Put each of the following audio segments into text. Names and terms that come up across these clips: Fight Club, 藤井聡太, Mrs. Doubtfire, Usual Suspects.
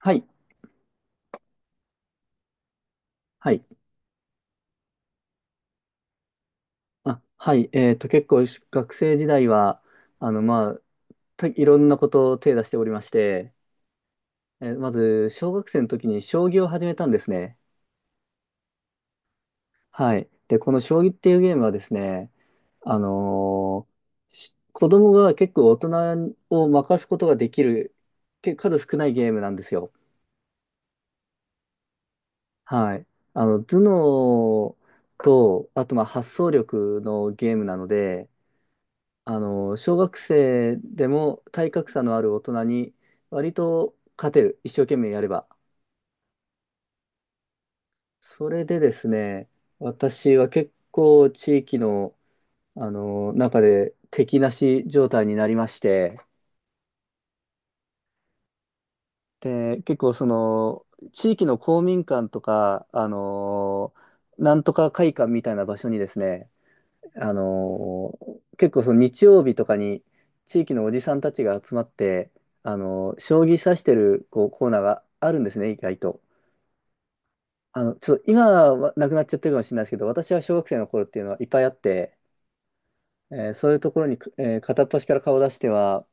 はい。はい。あ、はい。結構学生時代は、まあ、いろんなことを手出しておりまして、まず、小学生の時に将棋を始めたんですね。はい。で、この将棋っていうゲームはですね、あのーし子供が結構大人を任すことができる、数少ないゲームなんですよ。はい。頭脳と、あと、まあ、発想力のゲームなので、小学生でも体格差のある大人に割と勝てる。一生懸命やれば。それでですね、私は結構地域の、中で敵なし状態になりまして、で、結構地域の公民館とか、なんとか会館みたいな場所にですね、結構その日曜日とかに地域のおじさんたちが集まって、将棋指してるこうコーナーがあるんですね、意外と。ちょっと今はなくなっちゃってるかもしれないですけど、私は小学生の頃っていうのはいっぱいあって、そういうところに、片っ端から顔を出しては、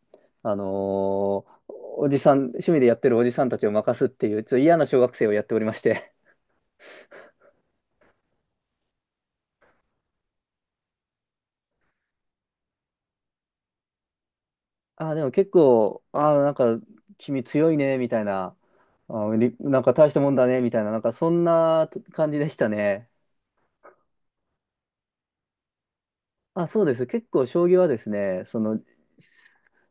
あのーおじさん、趣味でやってるおじさんたちを任すっていう、ちょっと嫌な小学生をやっておりまして。ああ、でも結構、ああ、なんか、君強いね、みたいな、ああ、なんか大したもんだね、みたいな、なんかそんな感じでしたね。あ、そうです。結構将棋はですね、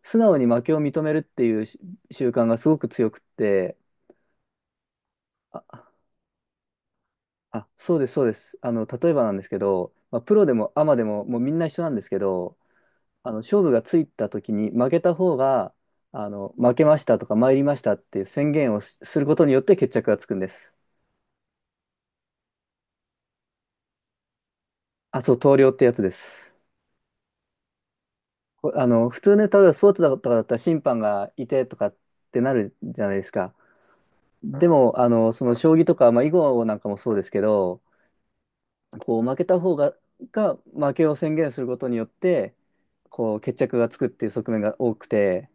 素直に負けを認めるっていう習慣がすごく強くって、あ、あ、そうです、そうです。例えばなんですけど、まあ、プロでもアマでも、もうみんな一緒なんですけど、勝負がついた時に負けた方が、負けましたとか参りましたっていう宣言をすることによって決着がつくんです。あ、そう、投了ってやつです。こあの、普通ね、例えばスポーツだとかだったら審判がいてとかってなるじゃないですか。でも、その将棋とか、まあ、囲碁なんかもそうですけど、こう、負けた方が、負けを宣言することによって、こう、決着がつくっていう側面が多くて、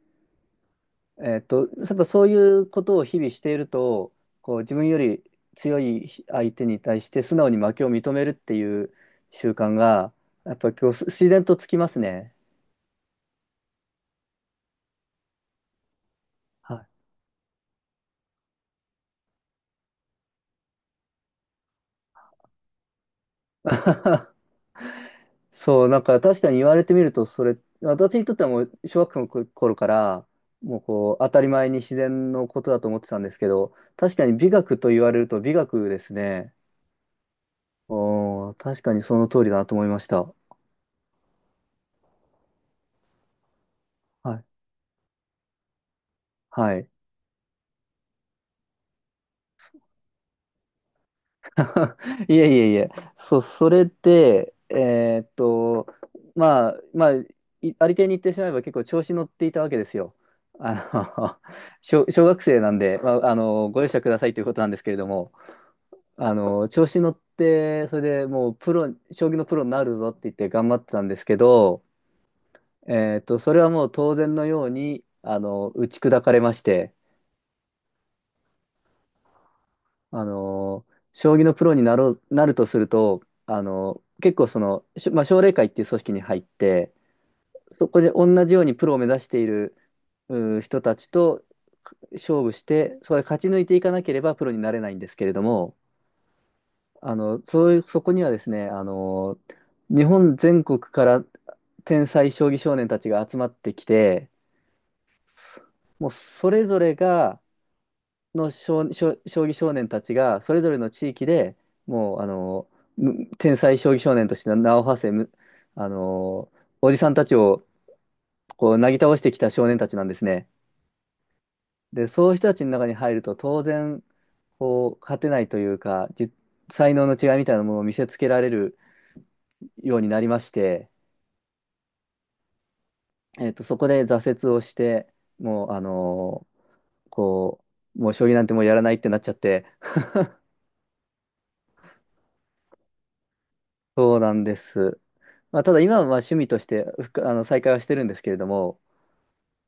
やっぱそういうことを日々していると、こう、自分より強い相手に対して素直に負けを認めるっていう習慣が、やっぱ今日自然とつきますね。はい。そう、なんか確かに言われてみると、それ、私にとってはもう小学校の頃から、もうこう、当たり前に自然のことだと思ってたんですけど、確かに美学と言われると美学ですね。確かにその通りだなと思いました。はい。はい。いえいえいえ。そう、それで、まあ、ありていに言ってしまえば結構調子乗っていたわけですよ。あの、小学生なんで、まあ、ご容赦くださいということなんですけれども。調子乗って、それでもうプロ、将棋のプロになるぞって言って頑張ってたんですけど、それはもう当然のように、打ち砕かれまして、あの、将棋のプロになろう、なるとすると、結構まあ、奨励会っていう組織に入って、そこで同じようにプロを目指している人たちと勝負して、そこで勝ち抜いていかなければプロになれないんですけれども、あの、そういう、そこにはですね、日本全国から天才将棋少年たちが集まってきて、もうそれぞれが、の将、将将棋少年たちが、それぞれの地域でもう、天才将棋少年として名を馳せ、むあの、おじさんたちをこう、なぎ倒してきた少年たちなんですね。で、そういう人たちの中に入ると、当然、こう、勝てないというか、才能の違いみたいなものを見せつけられるようになりまして、そこで挫折をして、もう、こう、もう将棋なんてもうやらないってなっちゃって、そうなんです。まあ、ただ今はまあ趣味としてふくあの再開はしてるんですけれども、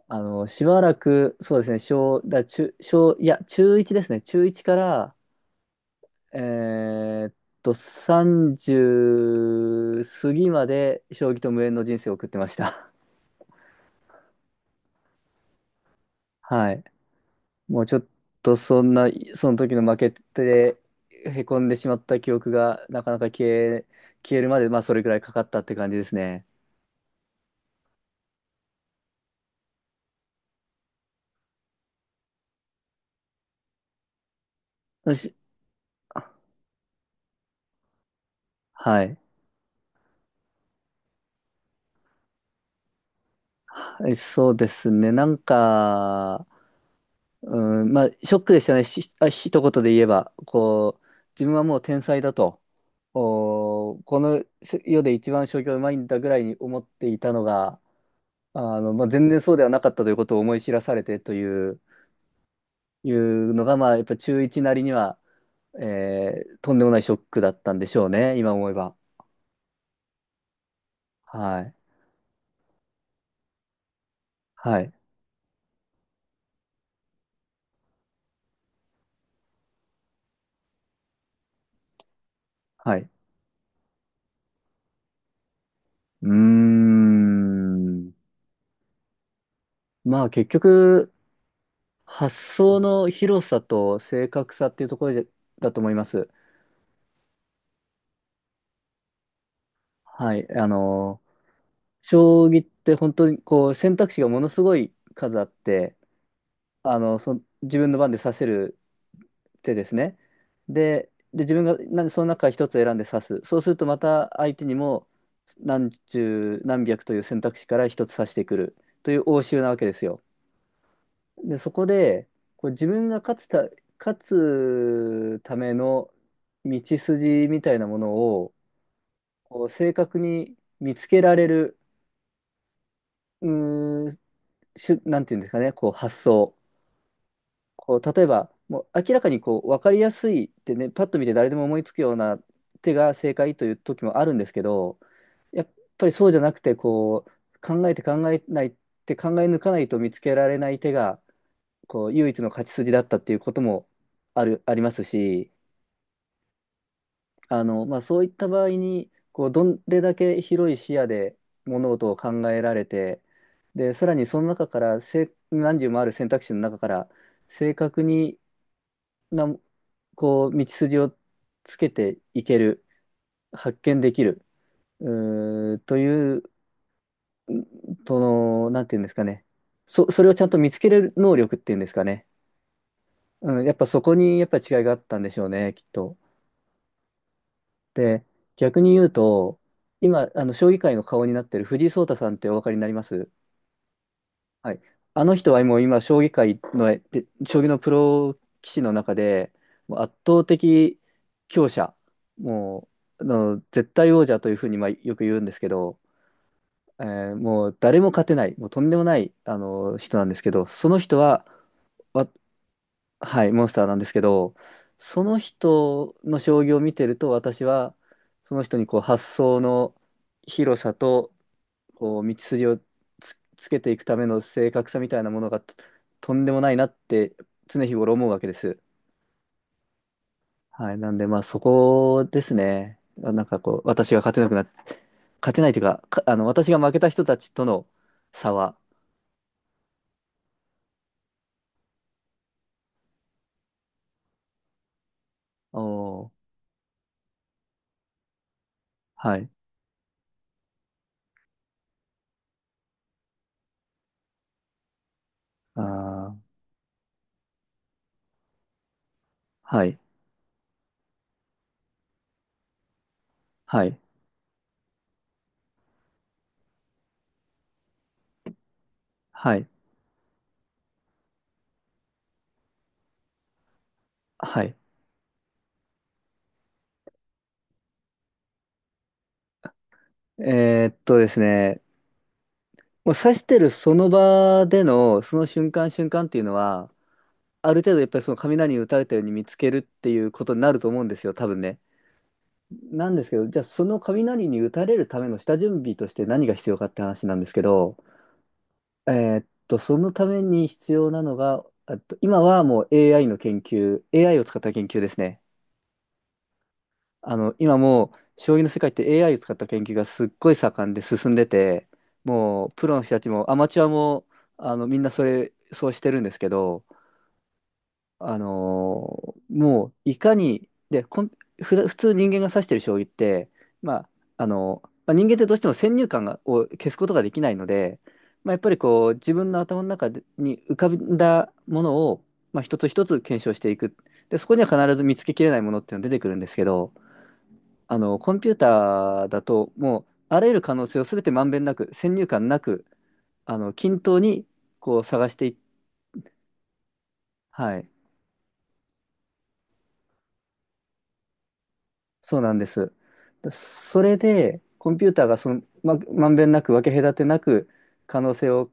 しばらく、そうですね、小、だ、中、小、いや、中1ですね、中1から、えーっ30過ぎまで将棋と無縁の人生を送ってました。はい。もうちょっとそんな、その時の負けて、へこんでしまった記憶がなかなか消えるまで、まあそれぐらいかかったって感じですね。よしはい。はいそうですね。なんか、うん、まあショックでしたね。一言で言えば、こう、自分はもう天才だと。この世で一番将棋がうまいんだぐらいに思っていたのが、まあ、全然そうではなかったということを思い知らされてという、いうのが、まあ、やっぱ中1なりにはとんでもないショックだったんでしょうね、今思えば。はい。はい。はい。うーん。まあ結局、発想の広さと正確さっていうところでだと思います。はい。将棋って本当にこう選択肢がものすごい数あって、自分の番で刺せる手ですね。で、自分がなんでその中から一つ選んで刺す。そうするとまた相手にも何十何百という選択肢から一つ刺してくるという応酬なわけですよ。で、そこでこう自分が勝つための道筋みたいなものをこう正確に見つけられる、うーん、なんていうんですかね、こう発想。こう、例えば、もう明らかにこう、分かりやすいってね、パッと見て誰でも思いつくような手が正解という時もあるんですけど、やっぱりそうじゃなくて、こう、考えて考え抜かないと見つけられない手が、こう、唯一の勝ち筋だったっていうこともありますし、まあ、そういった場合に、こう、どれだけ広い視野で物事を考えられて、で、さらにその中から、何十もある選択肢の中から、正確にな、こう、道筋をつけていける、発見できる、うーという、その、なんていうんですかね。それをちゃんと見つけれる能力っていうんですかね。うん、やっぱそこにやっぱり違いがあったんでしょうね、きっと。で、逆に言うと、今、将棋界の顔になってる藤井聡太さんってお分かりになります？はい。あの人はもう今、将棋界の、で将棋のプロ棋士の中で、もう圧倒的強者、もう、絶対王者というふうに、まあ、よく言うんですけど、もう誰も勝てない、もうとんでもない、人なんですけど、その人は、わ、はい、モンスターなんですけど、その人の将棋を見てると、私は、その人にこう、発想の広さと、こう、道筋をつけていくための正確さみたいなものがとんでもないなって常日頃思うわけです。はい。なんで、まあ、そこですね。なんかこう、私が勝てないというか、私が負けた人たちとの差は、おー、はい。あー、はい。はい。はい。はい。ですね、もう指してるその場での、その瞬間瞬間っていうのは、ある程度やっぱりその雷に打たれたように見つけるっていうことになると思うんですよ、多分ね。なんですけど、じゃあその雷に打たれるための下準備として何が必要かって話なんですけど、えそのために必要なのが、今はもう AI の研究、AI を使った研究ですね。今もう将棋の世界って AI を使った研究がすっごい盛んで進んでて、もうプロの人たちもアマチュアもみんなそうしてるんですけど、もういかに、で、こん、ふだ普通人間が指してる将棋って、ままあ、人間ってどうしても先入観を消すことができないので、まあ、やっぱりこう自分の頭の中に浮かんだものを、まあ、一つ一つ検証していく。で、そこには必ず見つけきれないものっていうのが出てくるんですけど、コンピューターだと、もう、あらゆる可能性を全てまんべんなく、先入観なく、均等に、こう、探してい、はい。そうなんです。それで、コンピューターがその、まんべんなく、分け隔てなく、可能性を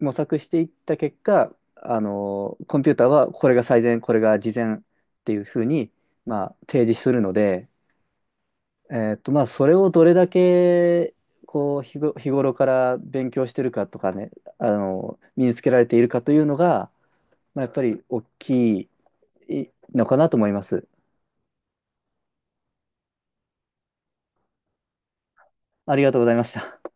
模索していった結果、コンピューターはこれが最善、これが次善っていうふうに、まあ、提示するので、まあ、それをどれだけ、こう、日頃から勉強してるかとかね、身につけられているかというのが、まあ、やっぱり大きいのかなと思います。ありがとうございました。